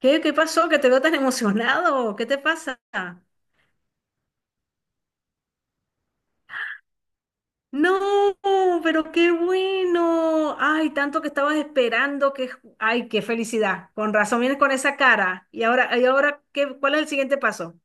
¿Qué pasó? ¿Que te veo tan emocionado? ¿Qué te pasa? No, pero qué bueno. Ay, tanto que estabas esperando que... Ay, qué felicidad. Con razón vienes con esa cara. Y ahora ¿qué, cuál es el siguiente paso?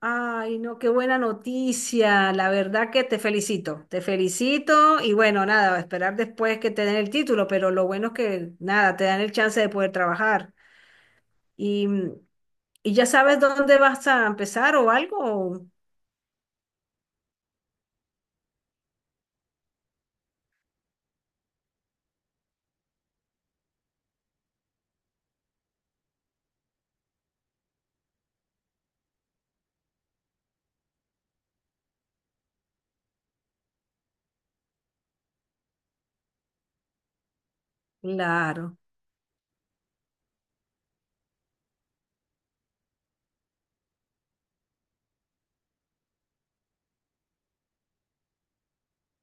Ay, no, qué buena noticia. La verdad que te felicito. Te felicito y bueno, nada, a esperar después que te den el título, pero lo bueno es que nada, te dan el chance de poder trabajar. Y, y ya sabes dónde vas a empezar o algo. Claro.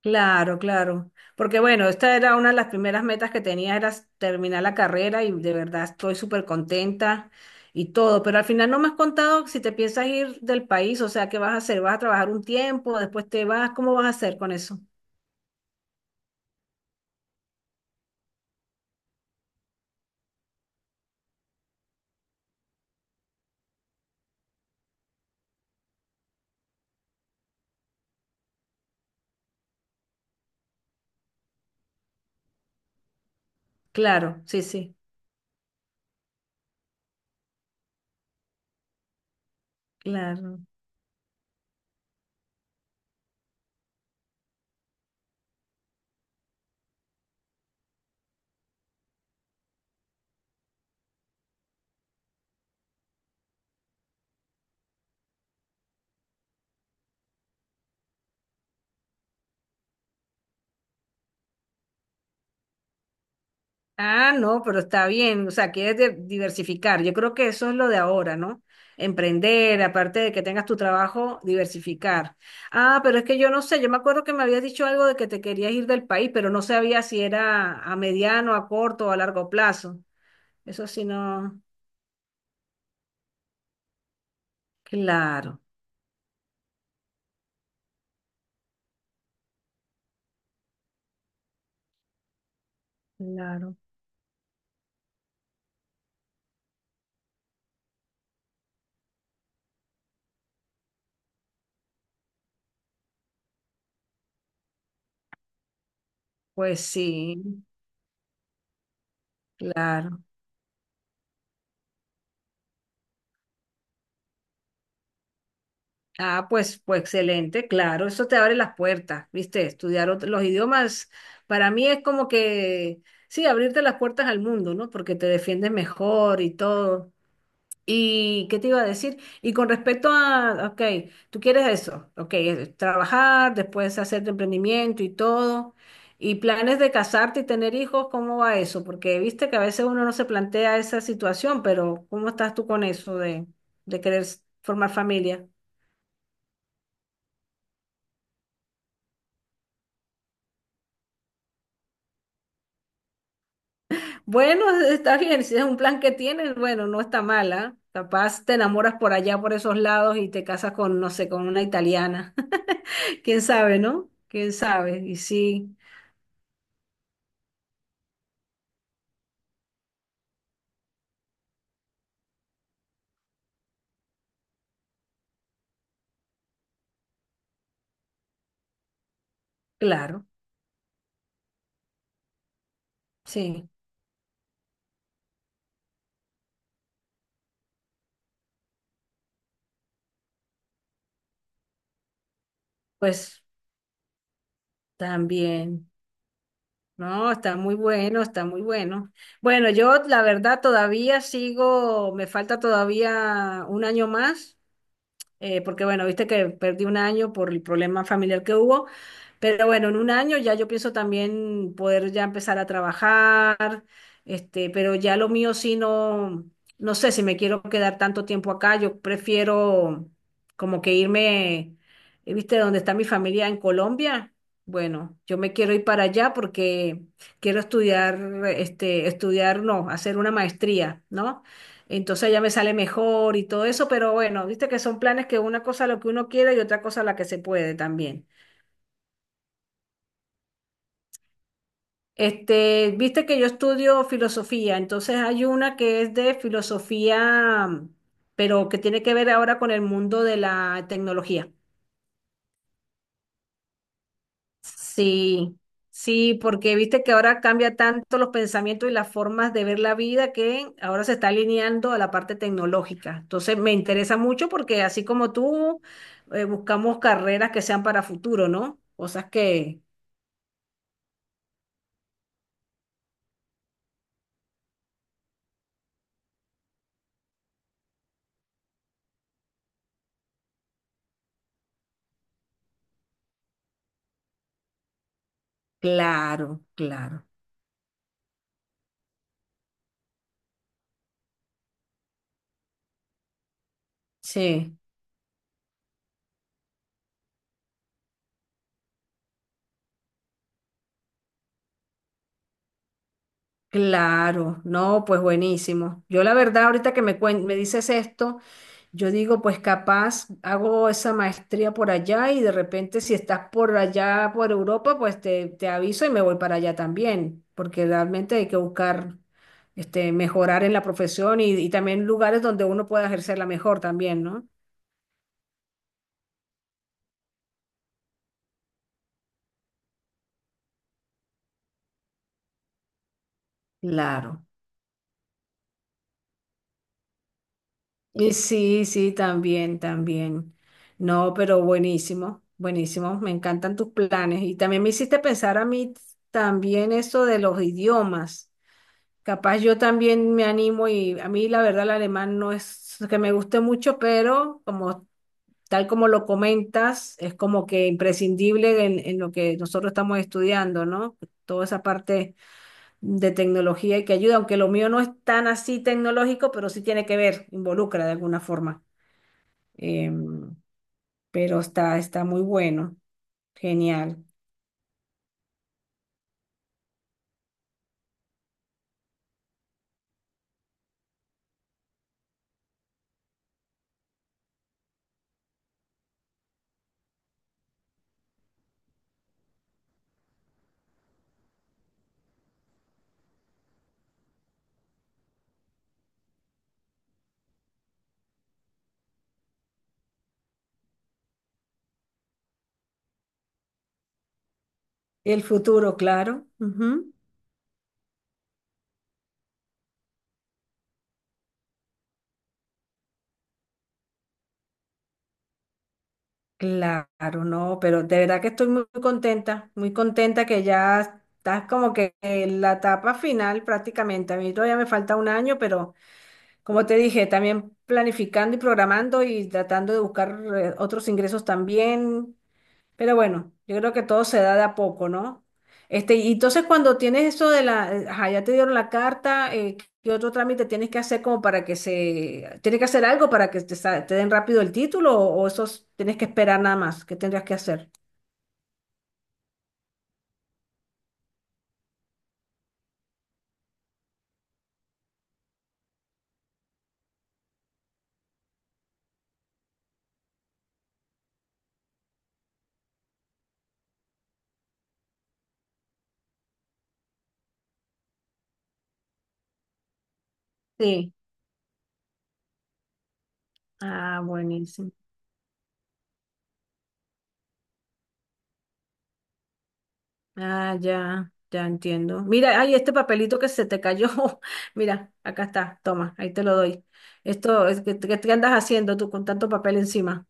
Claro, claro. Porque bueno, esta era una de las primeras metas que tenía, era terminar la carrera y de verdad estoy súper contenta y todo. Pero al final no me has contado si te piensas ir del país, o sea, ¿qué vas a hacer? ¿Vas a trabajar un tiempo? ¿Después te vas? ¿Cómo vas a hacer con eso? Claro, sí, sí, claro. Ah, no, pero está bien, o sea, quieres diversificar. Yo creo que eso es lo de ahora, ¿no? Emprender, aparte de que tengas tu trabajo, diversificar. Ah, pero es que yo no sé, yo me acuerdo que me habías dicho algo de que te querías ir del país, pero no sabía si era a mediano, a corto o a largo plazo. Eso sí, no. Claro, claro. Pues sí, claro. Ah, pues excelente, claro, eso te abre las puertas, ¿viste? Estudiar los idiomas para mí es como que, sí, abrirte las puertas al mundo, ¿no? Porque te defiendes mejor y todo. ¿Y qué te iba a decir? Y con respecto a, ok, tú quieres eso, ok, es trabajar, después hacer tu emprendimiento y todo, y planes de casarte y tener hijos, ¿cómo va eso? Porque viste que a veces uno no se plantea esa situación, pero ¿cómo estás tú con eso de querer formar familia? Bueno, está bien, si es un plan que tienes, bueno, no está mala. Capaz te enamoras por allá, por esos lados y te casas con, no sé, con una italiana. ¿Quién sabe, no? ¿Quién sabe? Y sí, claro, sí, pues también. No, está muy bueno, está muy bueno. Bueno, yo la verdad todavía sigo, me falta todavía un año más porque bueno, viste que perdí un año por el problema familiar que hubo, pero bueno, en un año ya yo pienso también poder ya empezar a trabajar, pero ya lo mío sí no, no sé si me quiero quedar tanto tiempo acá, yo prefiero como que irme, viste, donde está mi familia en Colombia. Bueno, yo me quiero ir para allá porque quiero estudiar, no, hacer una maestría, ¿no? Entonces ya me sale mejor y todo eso, pero bueno, viste que son planes que una cosa lo que uno quiere y otra cosa la que se puede también. Viste que yo estudio filosofía, entonces hay una que es de filosofía, pero que tiene que ver ahora con el mundo de la tecnología. Sí, sí, porque viste que ahora cambia tanto los pensamientos y las formas de ver la vida que ahora se está alineando a la parte tecnológica. Entonces me interesa mucho porque así como tú, buscamos carreras que sean para futuro, ¿no? Cosas que, claro, claro, sí, claro, no, pues buenísimo. Yo la verdad, ahorita que me, me dices esto. Yo digo, pues capaz hago esa maestría por allá y de repente si estás por allá, por Europa, pues te aviso y me voy para allá también, porque realmente hay que buscar mejorar en la profesión y también lugares donde uno pueda ejercerla mejor también, ¿no? Claro. Y sí, sí, también, también. No, pero buenísimo, buenísimo. Me encantan tus planes. Y también me hiciste pensar a mí también eso de los idiomas. Capaz yo también me animo y a mí la verdad el alemán no es que me guste mucho, pero como tal como lo comentas, es como que imprescindible en lo que nosotros estamos estudiando, ¿no? Toda esa parte de tecnología y que ayuda, aunque lo mío no es tan así tecnológico, pero sí tiene que ver, involucra de alguna forma. Em, pero está, está muy bueno, genial. El futuro, claro. Ujú. Claro, no, pero de verdad que estoy muy contenta que ya estás como que en la etapa final prácticamente. A mí todavía me falta un año, pero como te dije, también planificando y programando y tratando de buscar otros ingresos también. Pero bueno, yo creo que todo se da de a poco, ¿no? Y entonces cuando tienes eso de la, ajá, ya te dieron la carta, ¿qué otro trámite tienes que hacer como para que se, tienes que hacer algo para que te, te den rápido el título o eso tienes que esperar nada más? ¿Qué tendrías que hacer? Sí. Ah, buenísimo. Ah, ya, ya entiendo. Mira, ay, este papelito que se te cayó. Mira, acá está, toma, ahí te lo doy. Esto, es, ¿qué, qué andas haciendo tú con tanto papel encima?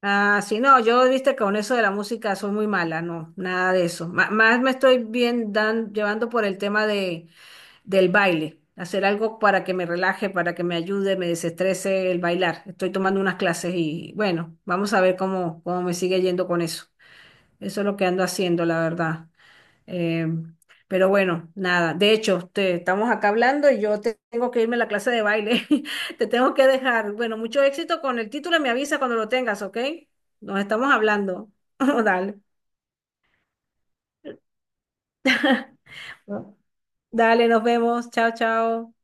Ah, sí, no, yo viste con eso de la música soy muy mala, no, nada de eso. Más me estoy bien dan, llevando por el tema de, del baile, hacer algo para que me relaje, para que me ayude, me desestrese el bailar. Estoy tomando unas clases y bueno, vamos a ver cómo, cómo me sigue yendo con eso. Eso es lo que ando haciendo, la verdad. Em, pero bueno, nada. De hecho, te, estamos acá hablando y yo tengo que irme a la clase de baile. Te tengo que dejar. Bueno, mucho éxito con el título. Y Me avisa cuando lo tengas, ¿ok? Nos estamos hablando. Dale. Dale, nos vemos. Chao, chao.